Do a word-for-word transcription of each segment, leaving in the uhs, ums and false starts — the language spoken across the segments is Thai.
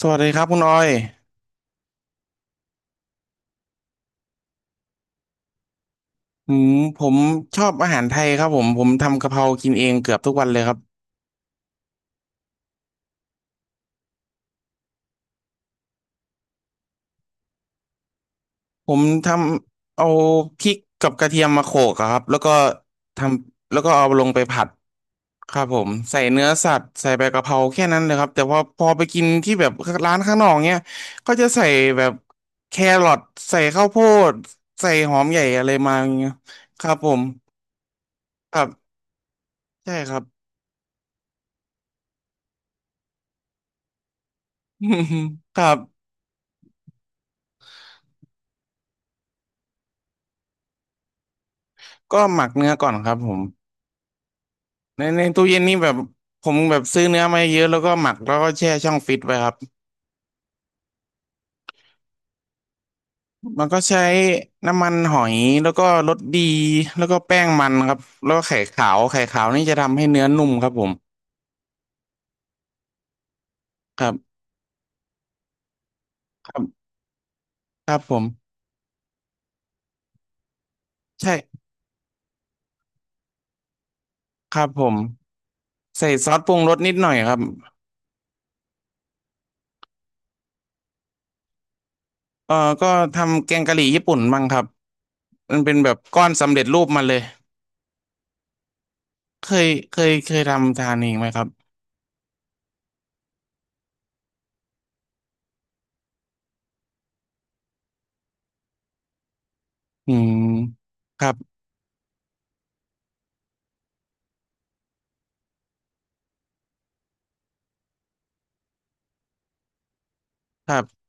สวัสดีครับคุณออยอืมผมชอบอาหารไทยครับผมผมทำกะเพรากินเองเกือบทุกวันเลยครับผมทำเอาพริกกับกระเทียมมาโขลกอะครับแล้วก็ทำแล้วก็เอาลงไปผัดครับผมใส่เนื้อสัตว์ใส่ใบกะเพราแค่นั้นเลยครับแต่พอพอไปกินที่แบบร้านข้างนอกเนี้ยก็จะใส่แบบแครอทใส่ข้าวโพดใส่หอมใหญ่อะไรมาอย่างเงี้ยครับผมครับใช่ครับ ครับก็หมักเนื้อก่อนครับผม ในในตู้เย็นนี่แบบผมแบบซื้อเนื้อมาเยอะแล้วก็หมักแล้วก็แช่ช่องฟิตไว้ครับมันก็ใช้น้ำมันหอยแล้วก็รสดีแล้วก็แป้งมันครับแล้วก็ไข่ขาวไข่ขาวนี่จะทำให้เนื้อนุ่มครับผมครับครับครับผมใช่ครับผมใส่ซอสปรุงรสนิดหน่อยครับเออก็ทำแกงกะหรี่ญี่ปุ่นบ้างครับมันเป็นแบบก้อนสำเร็จรูปมาเลยเคยเคยเคยทำทานเองไหมครับอืมครับครับ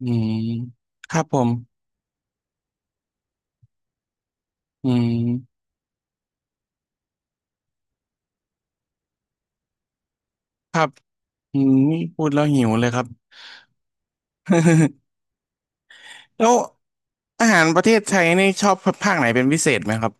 อืมครับผมอืม ครับอืมนี่พูดแล้วหิวเลยครับ แล้วอาหารประเทศไทยนี่ชอบภาคไหนเป็นพิเศษไหมครับ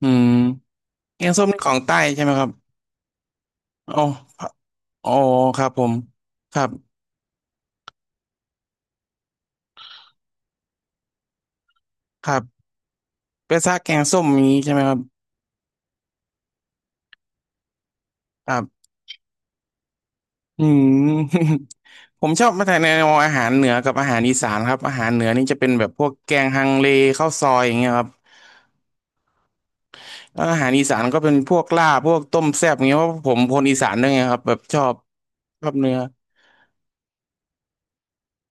อืมแกงส้มนี่ของใต้ใช่ไหมครับอ๋ออ๋อครับผมครับครับเป็นซากแกงส้มนี้ใช่ไหมครับครับอืม ผมชอบมาแต่ในวอาหารเหนือกับอาหารอีสานครับอาหารเหนือนี่จะเป็นแบบพวกแกงฮังเลข้าวซอยอย่างเงี้ยครับแล้วอาหารอีสานก็เป็นพวกลาบพวกต้มแซ่บอย่างเงี้ยเพราะผมคนอีสานด้วยไงครับแบบชอบชอบเนื้อ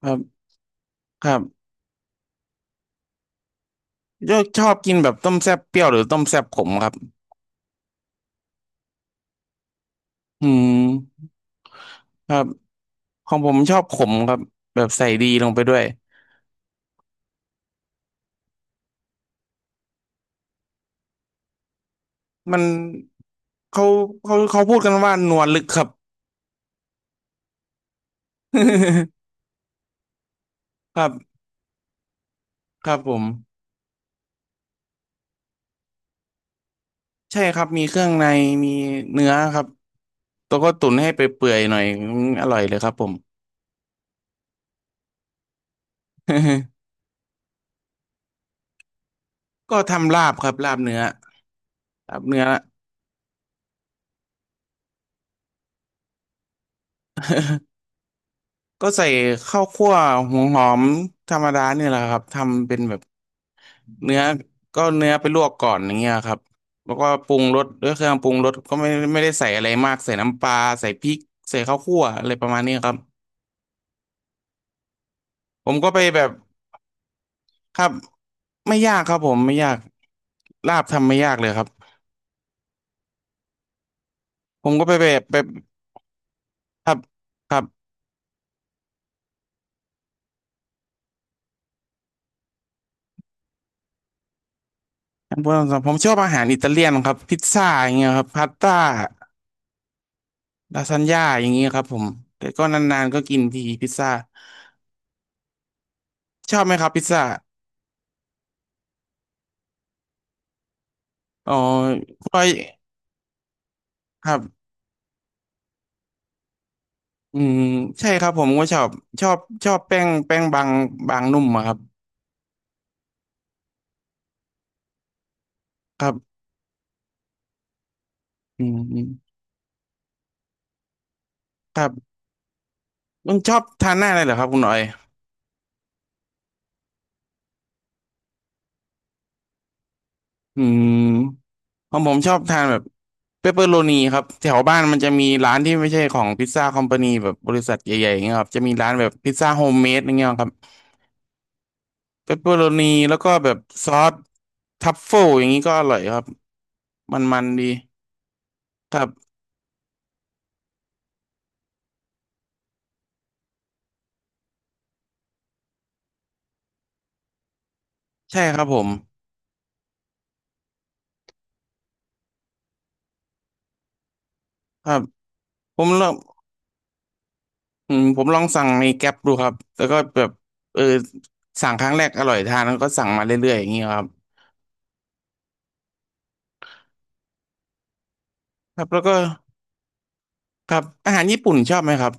ครับครับ ยกชอบกินแบบต้มแซ่บเปรี้ยวหรือต้มแซ่บขมครับอืมครับของผมชอบขมครับแบบใส่ดีลงไปด้วยมันเขาเขาเขาพูดกันว่านวลลึกครับ ครับครับผมใช่ครับมีเครื่องในมีเนื้อครับแล้วก็ตุ๋นให้ไปเปื่อยๆหน่อยออร่อยเลยครับผม ก็ทำลาบครับลาบเนื้อลาบเนื้อก็ใส่ข้าวคั่วหัวหอมธรรมดาเนี่ยแหละครับทำเป็นแบบ เนื้อก็เนื้อไปลวกก่อนอย่างเงี้ยครับแล้วก็ปรุงรสด้วยเครื่องปรุงรสก็ไม่ไม่ได้ใส่อะไรมากใส่น้ำปลาใส่พริกใส่ข้าวคั่วอะไรประมาณนี้ครับผมก็ไปแบบครับไม่ยากครับผมไม่ยากลาบทำไม่ยากเลยครับผมก็ไปแบบไปครับครับผมชอบอาหารอิตาเลียนครับพิซซ่าอย่างเงี้ยครับพาสต้าลาซานญ่าอย่างเงี้ยครับผมแต่ก็นานๆก็กินทีพิซซ่าชอบไหมครับพิซซ่าอ๋อพลอยครับ อืมใช่ครับผมก็ชอบชอบชอบแป้งแป้งบางบางนุ่มอะครับครับอืมอืมครับต้องชอบทานหน้าเลยเหรอครับคุณหน่อยอืมของผมชอบทานแบบเปปเปอโรนีครับแถวบ้านมันจะมีร้านที่ไม่ใช่ของพิซซ่าคอมพานีแบบบริษัทใหญ่ๆอย่างเงี้ยครับจะมีร้านแบบพิซซ่าโฮมเมดอย่างเงี้ยครับเปปเปอโรนีแล้วก็แบบซอสทัฟเฟิลอย่างนี้ก็อร่อยครับมันๆดีครับใช่ครับผมครับผมลอง อืมผมลองสั่งในแก๊ปดูครับแล้วก็แบบเออสั่งครั้งแรกอร่อยทานแล้วก็สั่งมาเรื่อยๆอย่างนี้ครับครับแล้วก็ครับอาหารญี่ปุ่นชอบไหมครับ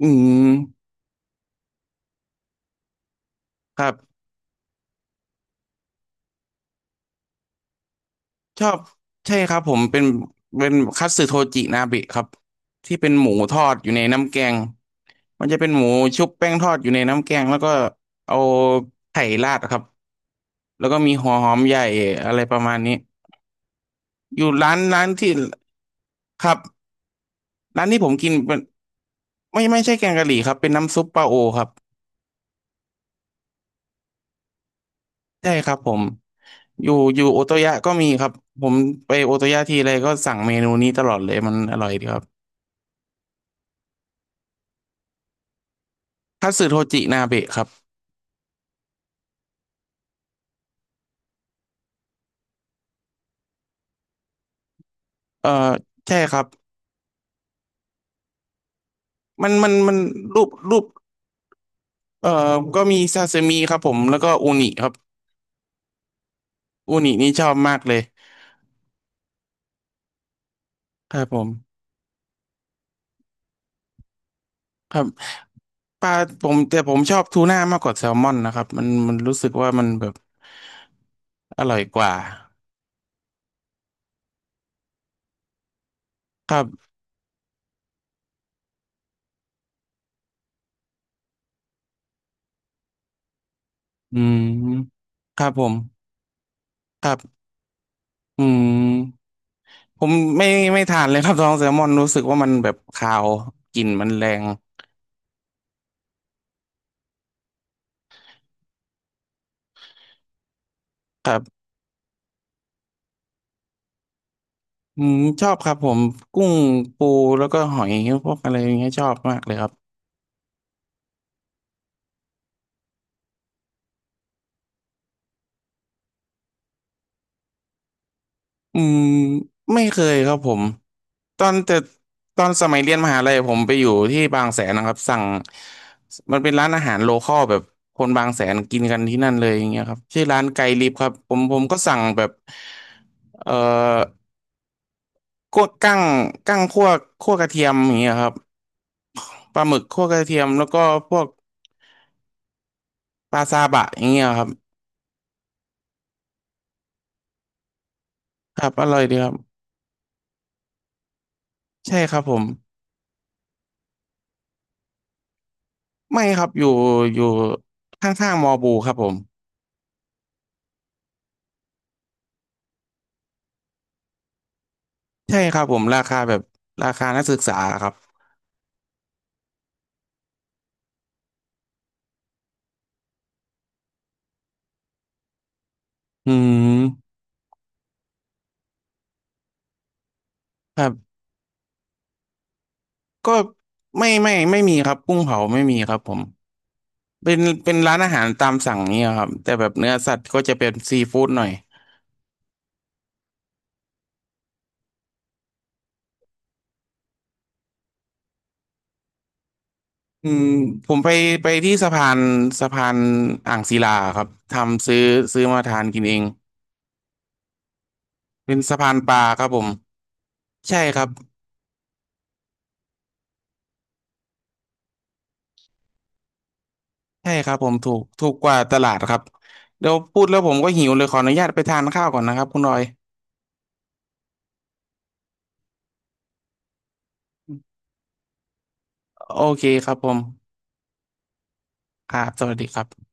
อืมครับชอบใช่ครับผมเป็นเป็นคัตสึโทจินาเบะครับที่เป็นหมูทอดอยู่ในน้ำแกงมันจะเป็นหมูชุบแป้งทอดอยู่ในน้ำแกงแล้วก็เอาไข่ราดครับแล้วก็มีหัวหอมใหญ่อะไรประมาณนี้อยู่ร้านร้านที่ครับ ร้านที่ผมกินเป็นไม่ไม่ใช่แกงกะหรี่ครับเป็นน้ำซุปปลาโอครับใช่ครับผมอยู่อยู่โอโตยะก็มีครับผมไปโอโตยะทีไรก็สั่งเมนูนี้ตลอดเลยมันอร่อยดีครับคัตสึโทจินาเบะครับเอ่อใช่ครับมันมันมันรูปรูปเอ่อก็มีซาซิมิครับผมแล้วก็อูนิครับอูนินี่ชอบมากเลยครับผมครับปลาผมแต่ผมชอบทูน่ามากกว่าแซลมอนนะครับมันมันรู้สึกว่ามันแบบอร่อยกว่าครับ อืมครับผมครับอืมผมไม่ไม่ทานเลยครับ ท้องแซลมอนรู้สึกว่ามันแบบคาวกลิ่นมันแรงครับอืมชอบครับผมกุ้งปูแล้วก็หอยพวกอะไรอย่างเงี้ยชอบมากเลยครับอืมไม่เคยครับผมตอนแต่ตอนสมัยเรียนมหาลัยผมไปอยู่ที่บางแสนนะครับสั่งมันเป็นร้านอาหารโลคอลแบบคนบางแสนกินกันที่นั่นเลยอย่างเงี้ยครับชื่อร้านไกลลิฟครับผมผมก็สั่งแบบเอ่อ คั่วกั้งกั้งคั่วคั่วกระเทียมอย่างเงี้ยครับปลาหมึกคั่วกระเทียมแล้วก็พวกปลาซาบะอย่างเงี้ยครับครับอร่อยดีครับใช่ครับผมไม่ครับอยู่อยู่ข้างๆมอบูครับผมใช่ครับผมราคาแบบราคานักศึกษาครับอืมครับก็ไม่ไม่ไม่มีครับกุ้งเผาไม่มีครับผมเป็นเป็นร้านอาหารตามสั่งเนี่ยครับแต่แบบเนื้อสัตว์ก็จะเป็นซีฟู้ดหน่อย อืมผมไปไปที่สะพานสะพานอ่างศิลาครับทำซื้อซื้อมาทานกินเองเป็นสะพานปลาครับผมใช่ครับใช่ครับผมถูกถูกกว่าตลาดครับเดี๋ยวพูดแล้วผมก็หิวเลยขออนุญาตไปทานข้าวก่อนนะครับคุณรอยโอเคครับผมครับสวัสดีครับ